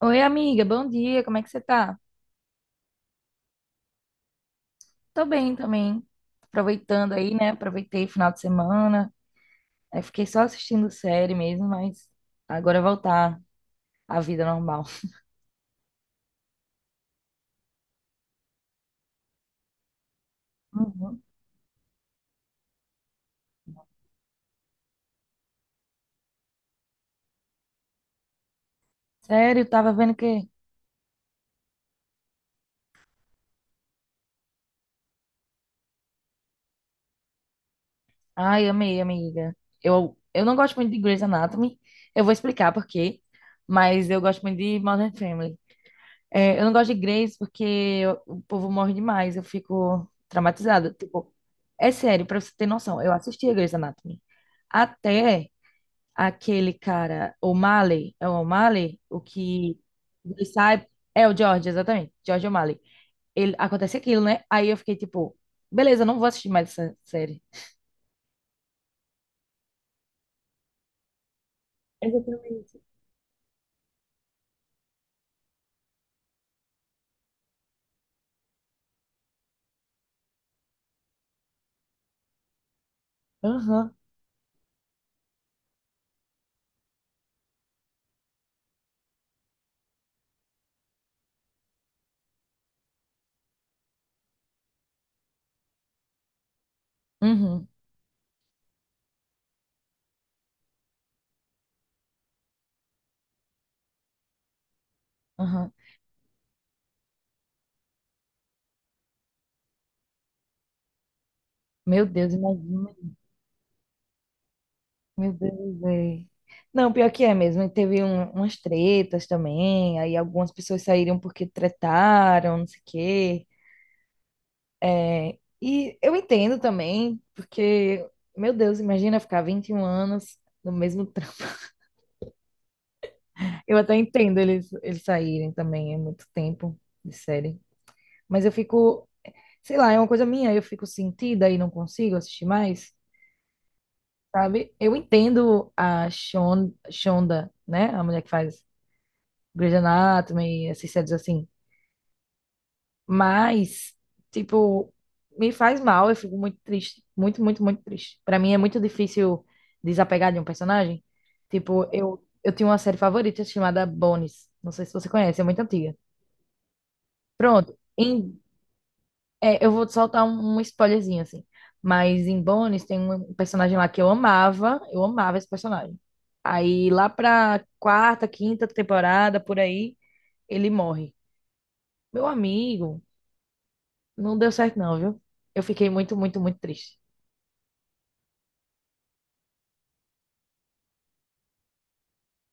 Oi, amiga, bom dia, como é que você tá? Tô bem também, aproveitando aí, né? Aproveitei o final de semana, aí fiquei só assistindo série mesmo, mas agora voltar à vida normal. Uhum. Sério, tava vendo que. Ai, amei, amiga. Eu não gosto muito de Grey's Anatomy, eu vou explicar por quê, mas eu gosto muito de Modern Family. É, eu não gosto de Grey's porque eu- o povo morre demais, eu fico traumatizada. Tipo, é sério, pra você ter noção, eu assisti a Grey's Anatomy. Até aquele cara, O'Malley, é o O'Malley, o que ele sai, é o George, exatamente, George O'Malley. Ele, acontece aquilo, né? Aí eu fiquei tipo, beleza, não vou assistir mais essa série. Exatamente. Aham, uhum, aham. Meu Deus, imagina. Meu Deus, é. Não, pior que é mesmo. E teve um- umas tretas também, aí algumas pessoas saíram porque tretaram, não sei o quê. É, e eu entendo também, porque, meu Deus, imagina ficar 21 anos no mesmo trampo. Eu até entendo eles, eles saírem também, é muito tempo de série. Mas eu fico, sei lá, é uma coisa minha, eu fico sentida e não consigo assistir mais, sabe? Eu entendo a Shon, Shonda, né? A mulher que faz Grey's Anatomy, essas séries assim. Mas, tipo, me faz mal, eu fico muito triste. Muito, muito, muito triste. Pra mim é muito difícil desapegar de um personagem. Tipo, eu tinha uma série favorita chamada Bones. Não sei se você conhece, é muito antiga. Pronto. Em, é, eu vou soltar um, um spoilerzinho, assim. Mas em Bones tem um personagem lá que eu amava. Eu amava esse personagem. Aí lá pra quarta, quinta temporada, por aí, ele morre. Meu amigo. Não deu certo, não, viu? Eu fiquei muito, muito, muito triste.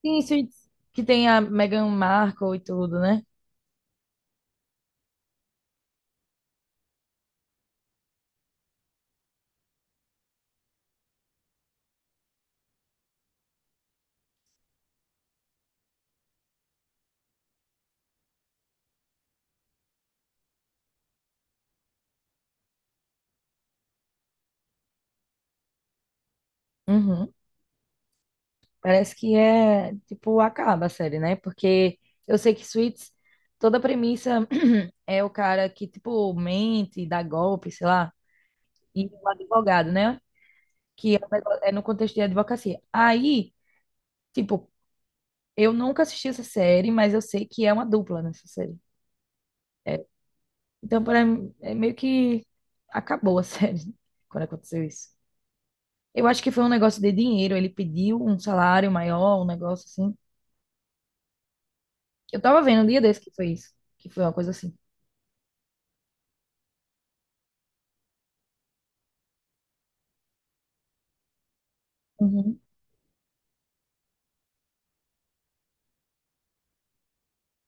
Sim, Suits, que tem a Meghan Markle e tudo, né? Uhum. Parece que é, tipo, acaba a série, né? Porque eu sei que Suits, toda a premissa é o cara que, tipo, mente, dá golpe, sei lá, e o advogado, né? Que é um negó- é no contexto de advocacia. Aí, tipo, eu nunca assisti essa série, mas eu sei que é uma dupla nessa série. Então, para mim, é meio que acabou a série quando aconteceu isso. Eu acho que foi um negócio de dinheiro. Ele pediu um salário maior, um negócio assim. Eu tava vendo um dia desse que foi isso. Que foi uma coisa assim. Uhum.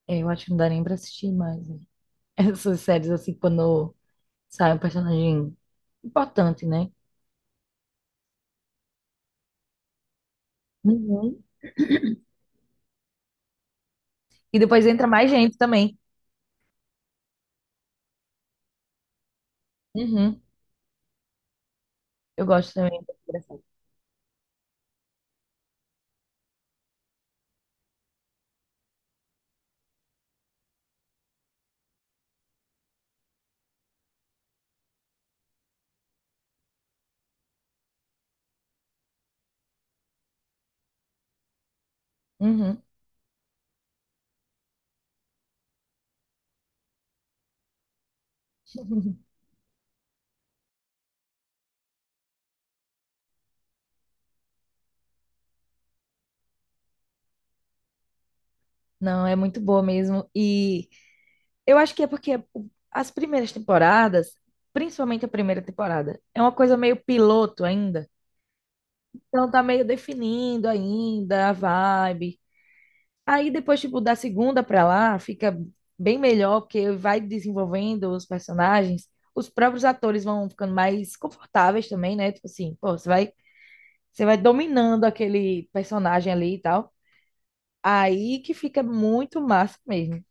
É, eu acho que não dá nem pra assistir mais, né? Essas séries assim, quando sai um personagem importante, né? Uhum. E depois entra mais gente também. Uhum. Eu gosto também. Engraçado. Uhum. Não, é muito boa mesmo. E eu acho que é porque as primeiras temporadas, principalmente a primeira temporada, é uma coisa meio piloto ainda. Então tá meio definindo ainda a vibe. Aí depois, tipo, da segunda pra lá, fica bem melhor, porque vai desenvolvendo os personagens. Os próprios atores vão ficando mais confortáveis também, né? Tipo assim, pô, você vai dominando aquele personagem ali e tal. Aí que fica muito massa mesmo.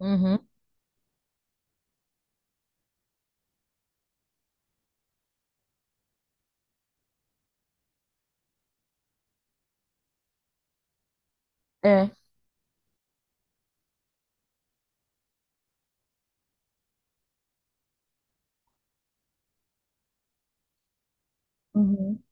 Uhum. É. Uhum.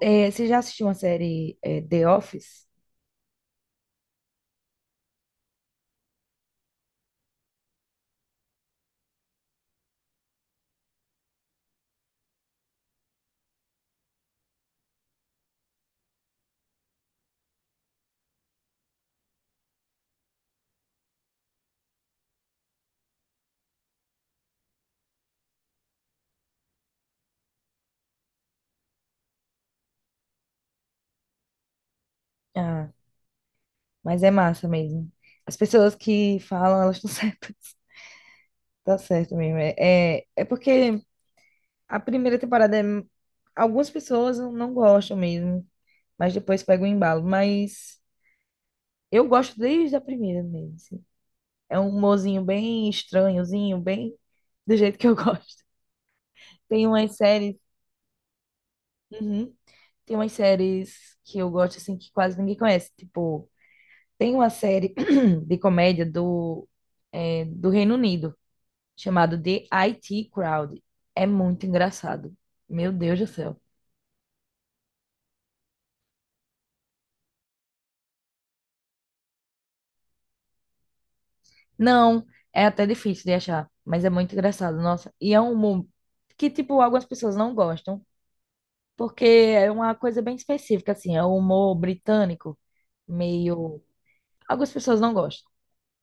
É, você já assistiu uma série, é, The Office? Ah, mas é massa mesmo. As pessoas que falam, elas estão certas. Tá certo mesmo. É porque a primeira temporada é... Algumas pessoas não gostam mesmo, mas depois pega o embalo. Mas eu gosto desde a primeira mesmo. Assim. É um humorzinho bem estranhozinho, bem do jeito que eu gosto. Tem umas séries. Uhum. Tem umas séries que eu gosto assim que quase ninguém conhece. Tipo, tem uma série de comédia do, é, do Reino Unido chamado The IT Crowd. É muito engraçado. Meu Deus do céu. Não, é até difícil de achar, mas é muito engraçado, nossa. E é um humor que, tipo, algumas pessoas não gostam, porque é uma coisa bem específica, assim, é um humor britânico, meio... Algumas pessoas não gostam,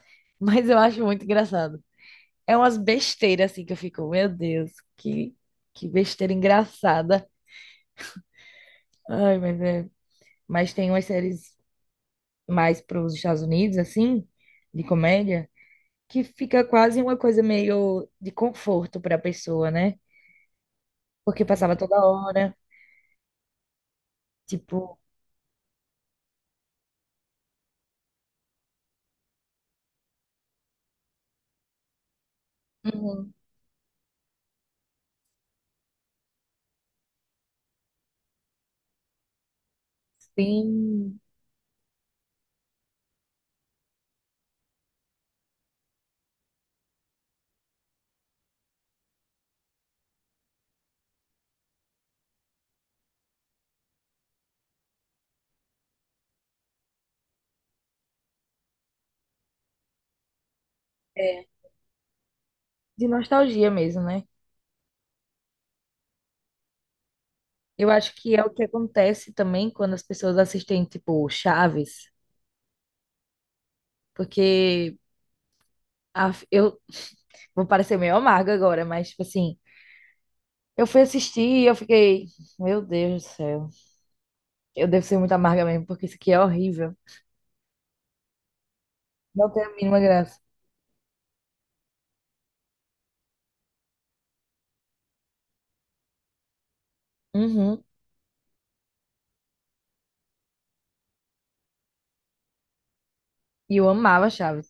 mas eu acho muito engraçado. É umas besteiras, assim, que eu fico, meu Deus, que besteira engraçada. Ai, mas é... Mas tem umas séries mais para os Estados Unidos, assim, de comédia, que fica quase uma coisa meio de conforto para a pessoa, né? Porque passava toda hora, tipo, uhum, bem, é, de nostalgia mesmo, né? Eu acho que é o que acontece também quando as pessoas assistem, tipo, Chaves, porque a- eu vou parecer meio amarga agora, mas, tipo assim, eu fui assistir e eu fiquei, meu Deus do céu, eu devo ser muito amarga mesmo, porque isso aqui é horrível, não tem a mínima graça. Uhum. E eu amava Chaves.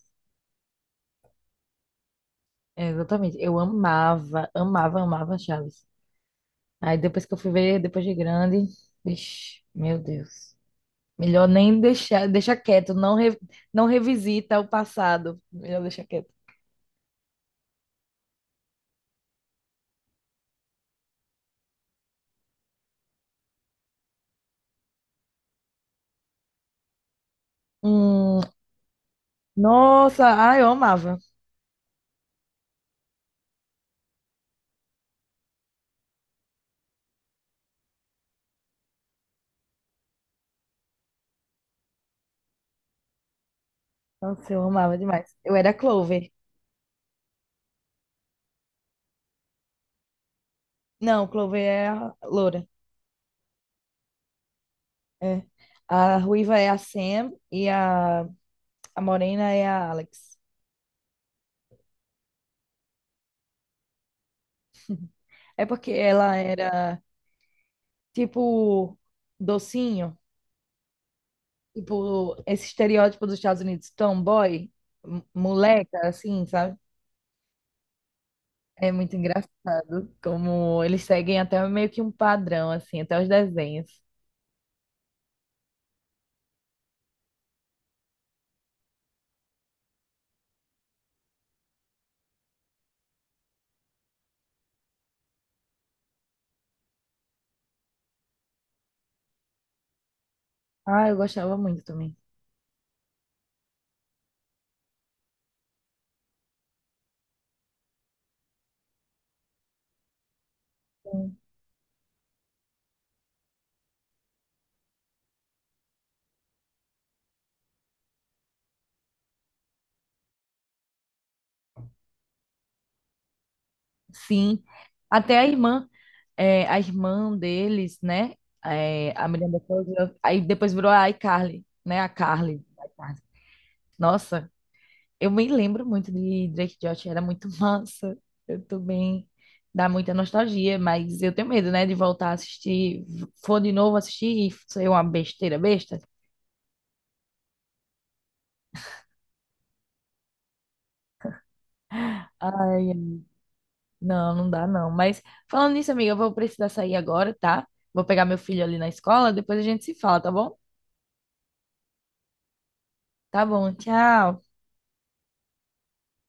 É, exatamente, eu amava, amava, amava Chaves. Aí depois que eu fui ver, depois de grande, vixi, meu Deus. Melhor nem deixar, deixa quieto, não, re- não revisita o passado. Melhor deixar quieto. Hum, nossa, ah, eu amava. Nossa, eu amava demais. Eu era a Clover. Não, Clover é a loura. É. A ruiva é a Sam e a morena é a Alex. É porque ela era tipo docinho. Tipo, esse estereótipo dos Estados Unidos, tomboy, m- moleca, assim, sabe? É muito engraçado como eles seguem até meio que um padrão, assim, até os desenhos. Ah, eu gostava muito também. Sim. Sim. Até a irmã, é, a irmã deles, né? É, a Miranda Cosgrove, aí depois virou a iCarly, né? A Carly. iCarly. Nossa, eu me lembro muito de Drake e Josh, era muito massa. Eu tô bem, dá muita nostalgia, mas eu tenho medo, né, de voltar a assistir, for de novo assistir e ser uma besteira besta. Ai, não, não dá não. Mas falando nisso, amiga, eu vou precisar sair agora, tá? Vou pegar meu filho ali na escola, depois a gente se fala, tá bom? Tá bom, tchau.